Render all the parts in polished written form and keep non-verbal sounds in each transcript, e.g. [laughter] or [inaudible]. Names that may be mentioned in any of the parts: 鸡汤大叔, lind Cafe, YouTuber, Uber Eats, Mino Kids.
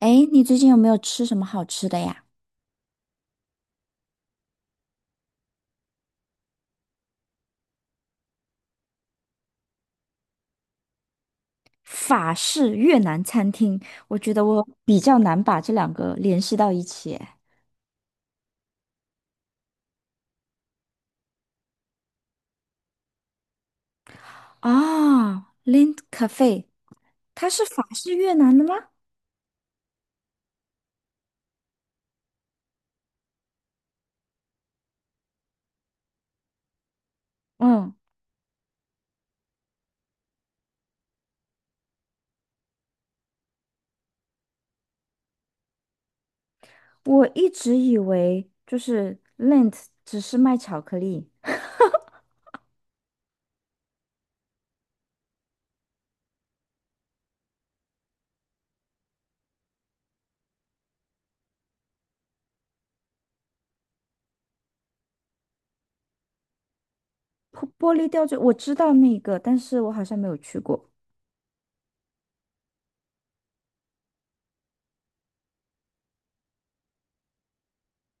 哎，你最近有没有吃什么好吃的呀？法式越南餐厅，我觉得我比较难把这两个联系到一起诶。啊 l i n d Cafe，它是法式越南的吗？嗯，我一直以为就是 Lind 只是卖巧克力，玻璃吊坠，我知道那个，但是我好像没有去过。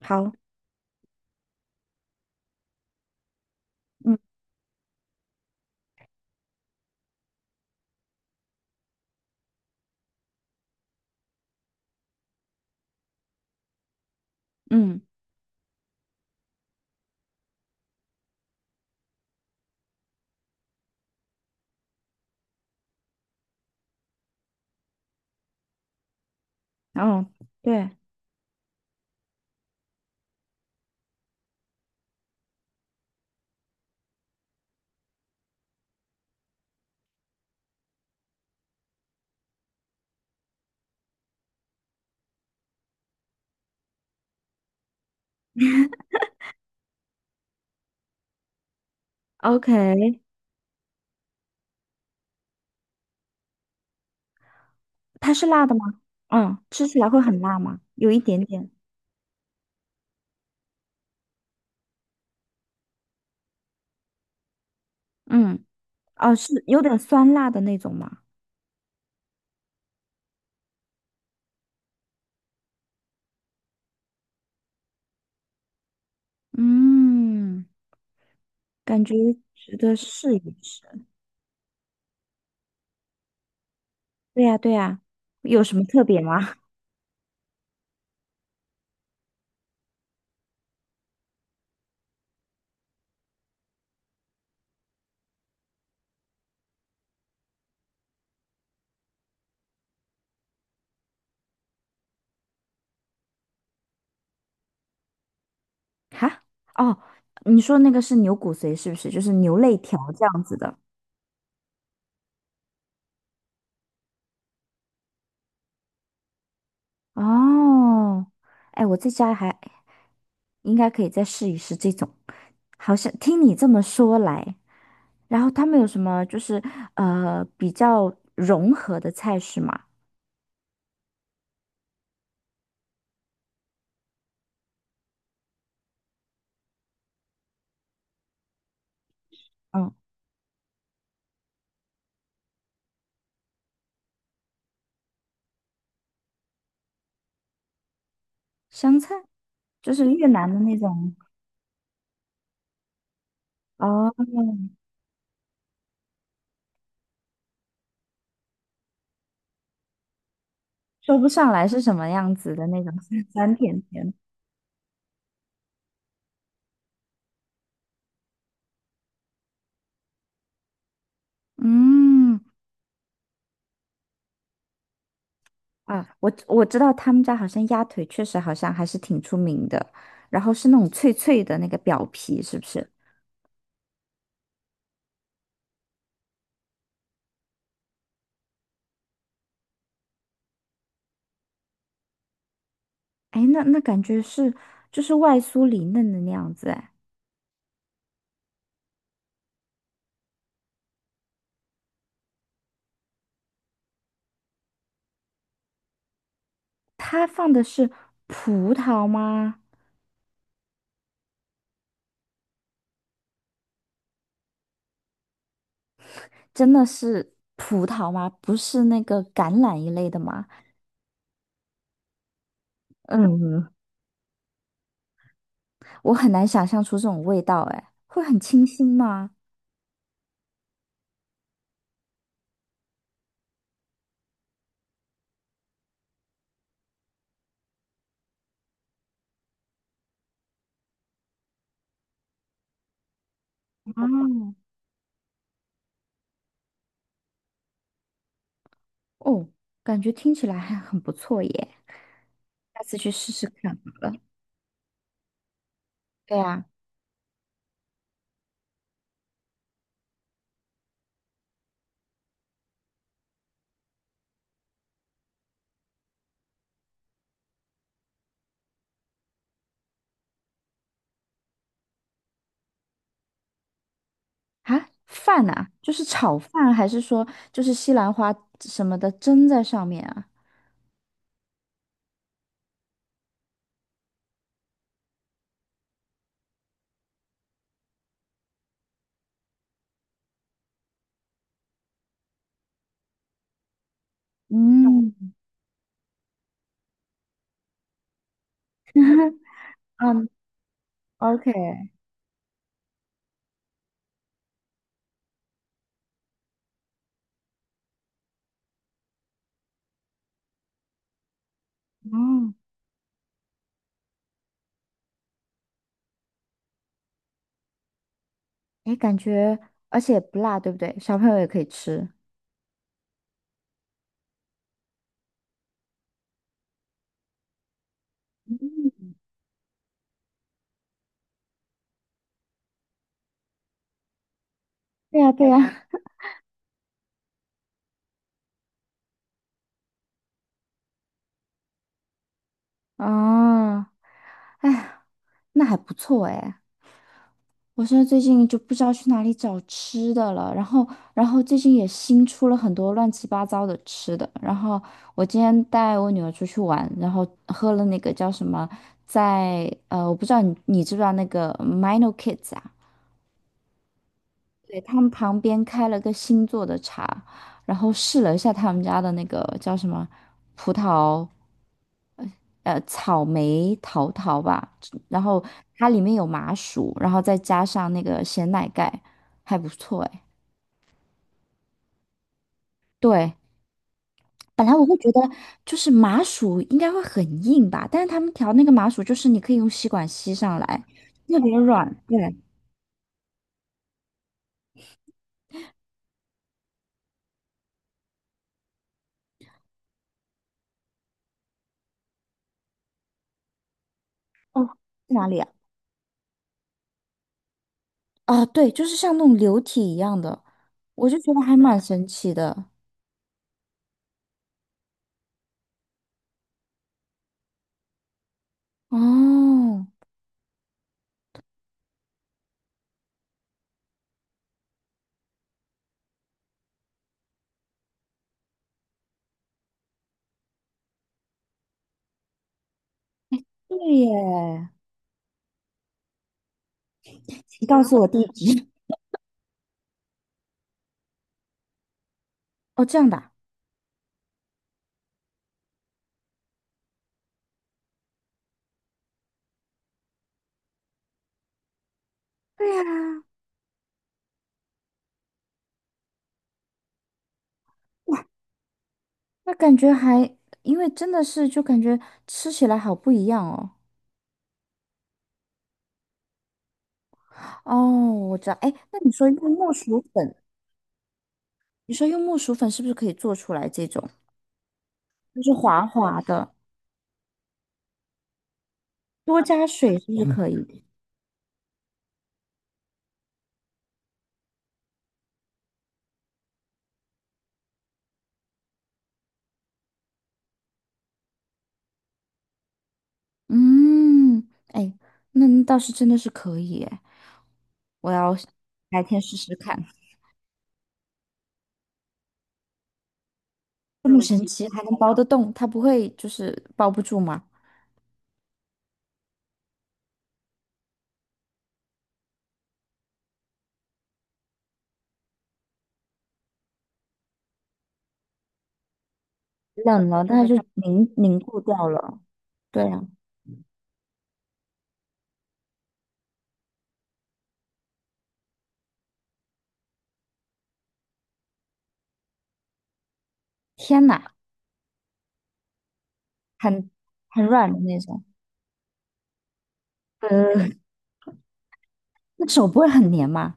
好，嗯嗯，哦，对，OK，它是辣的吗？嗯，吃起来会很辣吗？有一点点。嗯。哦，是有点酸辣的那种吗？嗯，感觉值得试一试。对呀，对呀，有什么特别吗？[laughs] 哈？哦，你说那个是牛骨髓是不是？就是牛肋条这样子的。哦，哎，我在家还应该可以再试一试这种。好像听你这么说来，然后他们有什么就是比较融合的菜式吗？嗯，湘菜就是越南的那种。哦说不上来是什么样子的那种酸酸甜甜。嗯，啊，我知道他们家好像鸭腿确实好像还是挺出名的，然后是那种脆脆的那个表皮，是不是？哎，那感觉是就是外酥里嫩的那样子。哎，它放的是葡萄吗？真的是葡萄吗？不是那个橄榄一类的吗？嗯，我很难想象出这种味道。哎，会很清新吗？嗯。哦，感觉听起来还很不错耶，下次去试试看好了。对呀，啊，饭呐，就是炒饭，还是说就是西兰花什么的蒸在上面啊？嗯 [laughs] 嗯，OK，哦，哎，感觉而且也不辣，对不对？小朋友也可以吃。对呀，对呀。哦，哎呀，那还不错哎。我现在最近就不知道去哪里找吃的了，然后，然后最近也新出了很多乱七八糟的吃的。然后我今天带我女儿出去玩，然后喝了那个叫什么，在我不知道你知不知道那个 Mino Kids 啊？对，他们旁边开了个新做的茶，然后试了一下他们家的那个叫什么葡萄，草莓桃桃吧，然后它里面有麻薯，然后再加上那个咸奶盖，还不错哎。对，本来我会觉得就是麻薯应该会很硬吧，但是他们调那个麻薯就是你可以用吸管吸上来，特别软。对，哦，在哪里啊？啊，对，就是像那种流体一样的，我就觉得还蛮神奇的。哦，对耶，你告诉我地址。[laughs] 哦，这样的啊对呀，哇，那感觉还，因为真的是就感觉吃起来好不一样哦。哦，我知道，哎，那你说用木薯粉，你说用木薯粉是不是可以做出来这种？就是滑滑的，多加水是不是嗯可以的？嗯，哎，那倒是真的是可以哎，我要白天试试看。这么神奇还能包得动？它不会就是包不住吗？冷了它就凝固掉了。对啊，天哪，很很软的那种。嗯，那手不会很黏吗？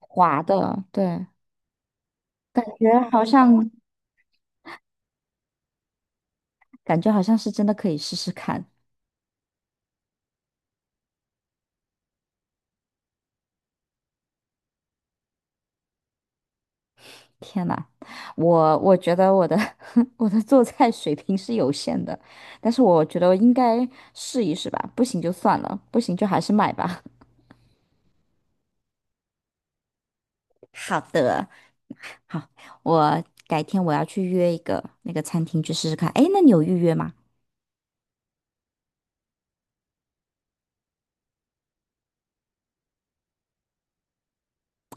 滑的，对，感觉好像感觉好像是真的可以试试看。天呐，我觉得我的 [laughs] 我的做菜水平是有限的，但是我觉得我应该试一试吧，不行就算了，不行就还是买吧。[laughs] 好的，好，我改天我要去约一个那个餐厅去试试看。哎，那你有预约吗？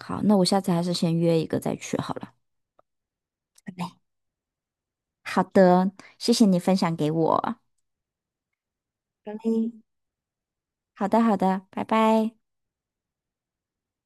好，那我下次还是先约一个再去好了。拜拜。好的，谢谢你分享给我。拜拜。好的，好的，拜拜。